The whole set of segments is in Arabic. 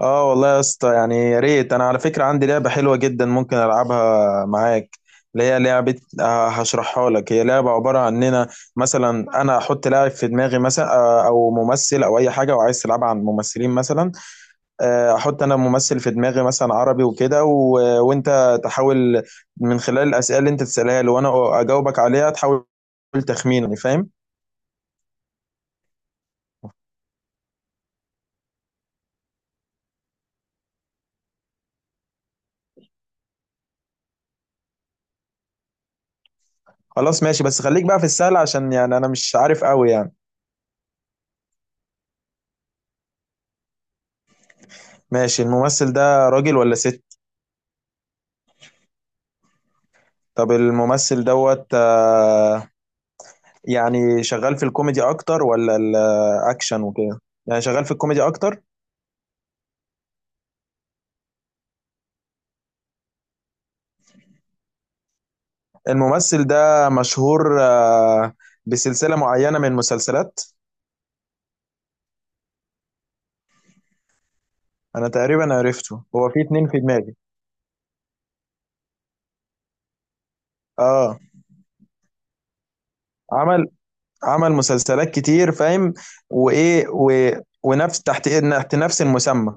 اه، والله يا اسطى يعني يا ريت. انا على فكرة عندي لعبة حلوة جدا ممكن العبها معاك، اللي هي لعبة. هشرحها لك. هي لعبة عبارة عن اننا مثلا انا احط لاعب في دماغي مثلا، او ممثل او اي حاجة وعايز تلعبها عن ممثلين مثلا. احط انا ممثل في دماغي مثلا عربي وكده وانت تحاول من خلال الاسئلة اللي انت تسألها لي وانا اجاوبك عليها تحاول تخمين، يعني فاهم؟ خلاص ماشي، بس خليك بقى في السهل عشان يعني انا مش عارف قوي يعني. ماشي. الممثل ده راجل ولا ست؟ طب الممثل دوت يعني شغال في الكوميدي اكتر ولا الاكشن وكده؟ يعني شغال في الكوميدي اكتر. الممثل ده مشهور بسلسلة معينة من المسلسلات؟ انا تقريبا عرفته، هو في اتنين في دماغي. اه، عمل عمل مسلسلات كتير، فاهم؟ وايه و... ونفس تحت نفس المسمى.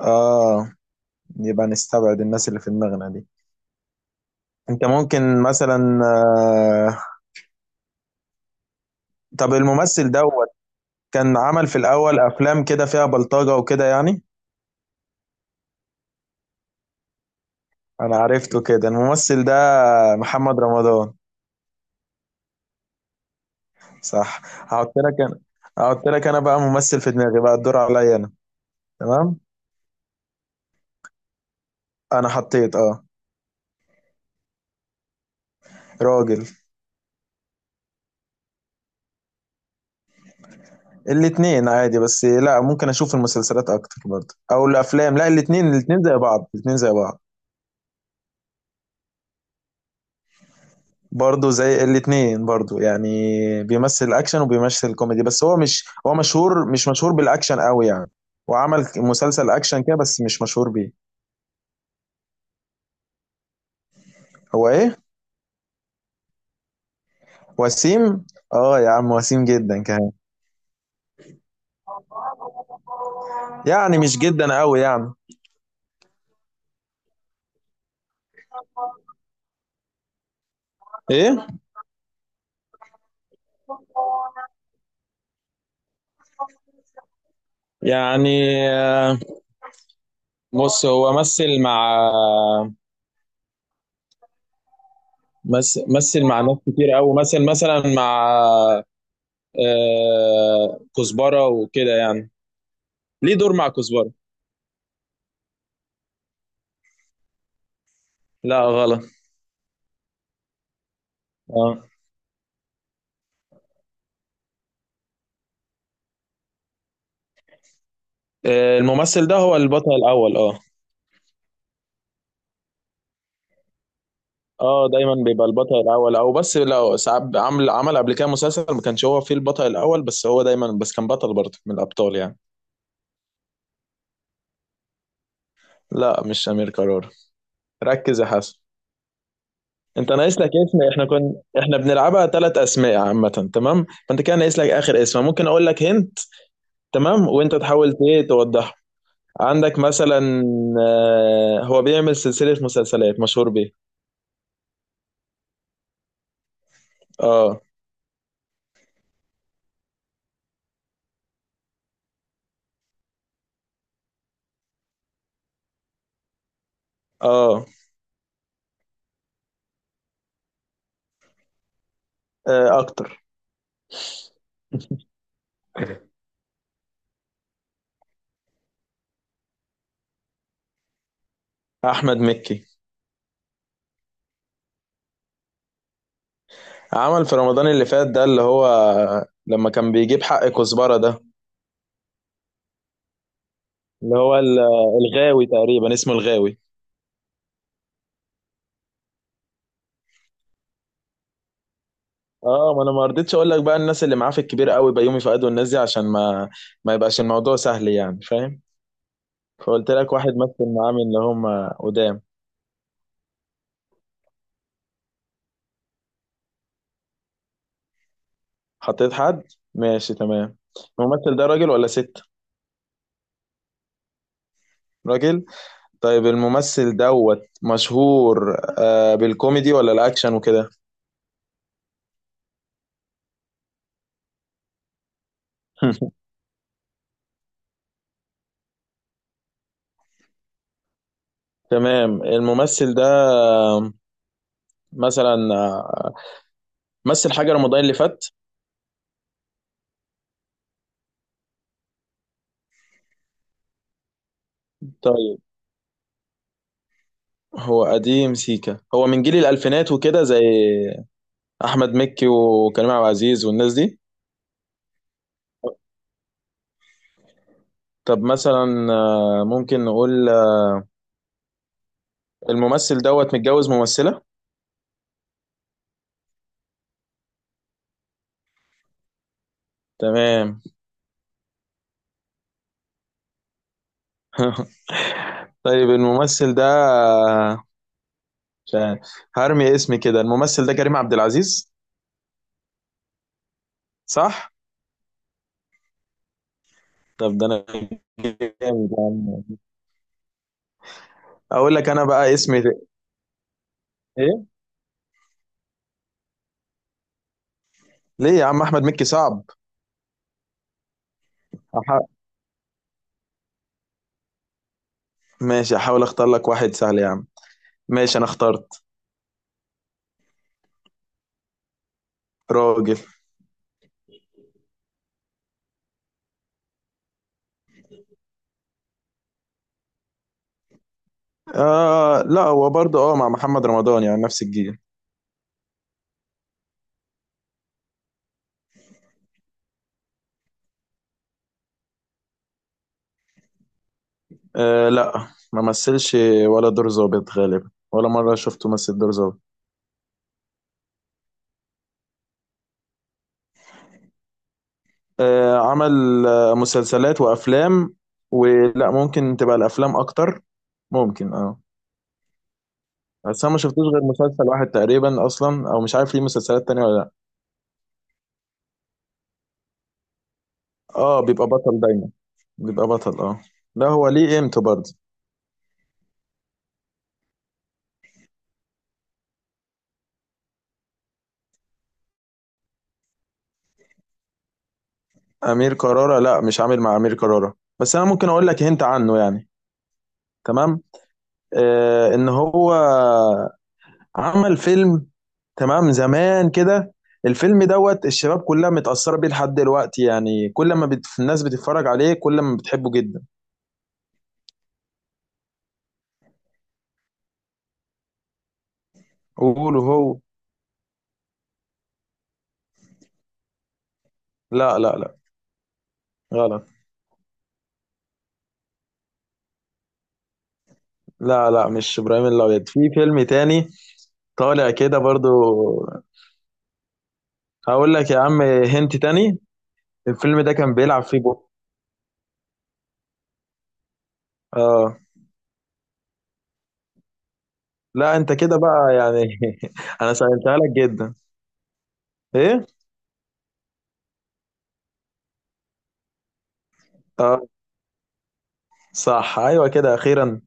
اه، يبقى نستبعد الناس اللي في دماغنا دي. انت ممكن مثلا، آه، طب الممثل ده كان عمل في الأول أفلام كده فيها بلطجة وكده يعني؟ أنا عرفته كده الممثل ده. محمد رمضان؟ صح. هحط لك أنا، بقى ممثل في دماغي بقى، الدور عليا أنا. تمام. أنا حطيت راجل. الاتنين عادي، بس لا ممكن أشوف المسلسلات أكتر برضه أو الأفلام، لا الاتنين، الاتنين زي بعض الاتنين زي بعض. برضه زي الاتنين برضه يعني. بيمثل أكشن وبيمثل كوميدي، بس هو مشهور، مش مشهور بالأكشن قوي يعني. وعمل مسلسل أكشن كده بس مش مشهور بيه. هو ايه؟ وسيم؟ اه يا عم وسيم جدا كمان، يعني مش جدا قوي يعني. ايه؟ يعني آه، بص هو مثل مع، مثل مع ناس كتير قوي. مثل مثلا مع كزبرة وكده يعني، ليه دور مع كزبرة. لا غلط. اه، الممثل ده هو البطل الاول، اه. اه، دايما بيبقى البطل الاول، او بس لو ساعات عمل قبل كده مسلسل ما كانش هو فيه البطل الاول، بس هو دايما بس كان بطل برضه من الابطال يعني. لا مش أمير كرارة. ركز يا حسن. انت ناقص لك اسم. احنا بنلعبها 3 اسماء عامة، تمام؟ فانت كده ناقص لك اخر اسم. ممكن اقول لك هنت، تمام؟ وانت تحاول ايه توضحه. عندك مثلا، هو بيعمل سلسلة مسلسلات مشهور بيه. اه، اه، اكتر. احمد مكي. عمل في رمضان اللي فات ده، اللي هو لما كان بيجيب حق كزبرة ده، اللي هو الغاوي تقريبا اسمه الغاوي. اه، ما انا ما رضيتش اقول لك بقى الناس اللي معاه في الكبير قوي، بيومي فؤاد والناس دي، عشان ما يبقاش الموضوع سهل، يعني فاهم؟ فقلت لك واحد مثل معاه من اللي هم قدام. حطيت حد. ماشي تمام. الممثل ده راجل ولا ست؟ راجل. طيب الممثل دوت مشهور بالكوميدي ولا الاكشن وكده؟ تمام. الممثل ده مثلا مثل حاجة رمضان اللي فات؟ طيب. هو قديم سيكا، هو من جيل الألفينات وكده، زي احمد مكي وكريم عبد العزيز والناس دي. طب مثلا، ممكن نقول الممثل دوت متجوز ممثلة؟ تمام. طيب الممثل ده مش عارف. هرمي اسمي كده. الممثل ده كريم عبد العزيز. صح. طب ده انا جامد يا عم. اقول لك انا بقى اسمي ده. ايه. ليه يا عم احمد مكي صعب؟ أح... ماشي احاول اختار لك واحد سهل يا عم. ماشي انا اخترت. راجل. آه لا، هو برضه اه مع محمد رمضان يعني نفس الجيل. أه لا، ما مثلش ولا دور ظابط غالبا، ولا مرة شفته مثل دور ظابط. أه عمل مسلسلات وأفلام، ولا ممكن تبقى الأفلام أكتر، ممكن اه. بس أنا ما شفتوش غير مسلسل واحد تقريبا أصلا، أو مش عارف ليه مسلسلات تانية ولا لأ. اه بيبقى بطل دايما، بيبقى بطل اه. لا هو ليه قيمته برضه. أمير كرارة؟ لا مش عامل مع أمير كرارة، بس أنا ممكن أقول لك هنت عنه يعني. تمام. إن هو عمل فيلم تمام زمان كده. الفيلم دوت الشباب كلها متأثرة بيه لحد دلوقتي، يعني كل ما الناس بتتفرج عليه كل ما بتحبه جدا. وقولوا هو، لا لا لا، غلط. لا لا، مش إبراهيم الأبيض في فيلم تاني. طالع كده برضو. هقول لك يا عم هنت تاني. الفيلم ده كان بيلعب فيه جو. اه. لا انت كده بقى يعني. انا سألتها لك جدا. ايه؟ اه صح، ايوه كده اخيرا.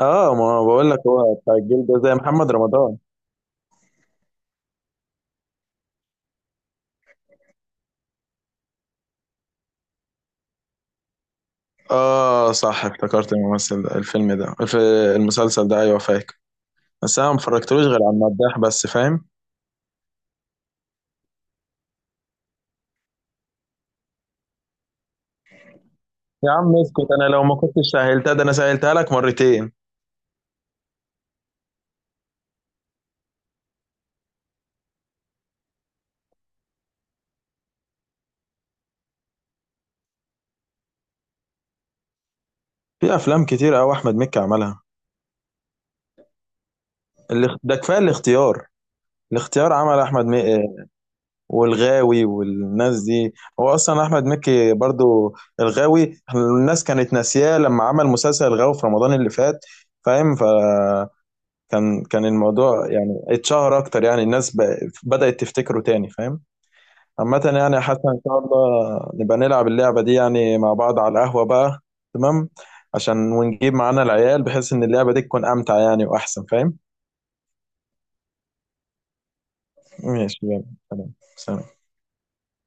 اه ما بقول لك هو بتاع الجيل ده زي محمد رمضان. اه صح افتكرت الممثل ده، الفيلم ده، المسلسل ده ايوه فاكر. بس انا ما اتفرجتلوش غير على المداح بس، فاهم؟ يا عم اسكت انا لو ما كنتش سهلتها ده انا سهلتها لك مرتين. في افلام كتير قوي احمد مكي عملها. ده كفايه الاختيار. الاختيار عمل احمد مكي، والغاوي والناس دي. هو اصلا احمد مكي برضو الغاوي. الناس كانت ناسياه لما عمل مسلسل الغاوي في رمضان اللي فات، فاهم؟ كان الموضوع يعني اتشهر اكتر، يعني الناس بدأت تفتكره تاني، فاهم؟ عامة يعني يا حسن، ان شاء الله نبقى نلعب اللعبة دي يعني مع بعض على القهوة بقى. تمام. عشان ونجيب معانا العيال بحيث ان اللعبة دي تكون امتع يعني واحسن، فاهم؟ ماشي يلا. سلام سلام.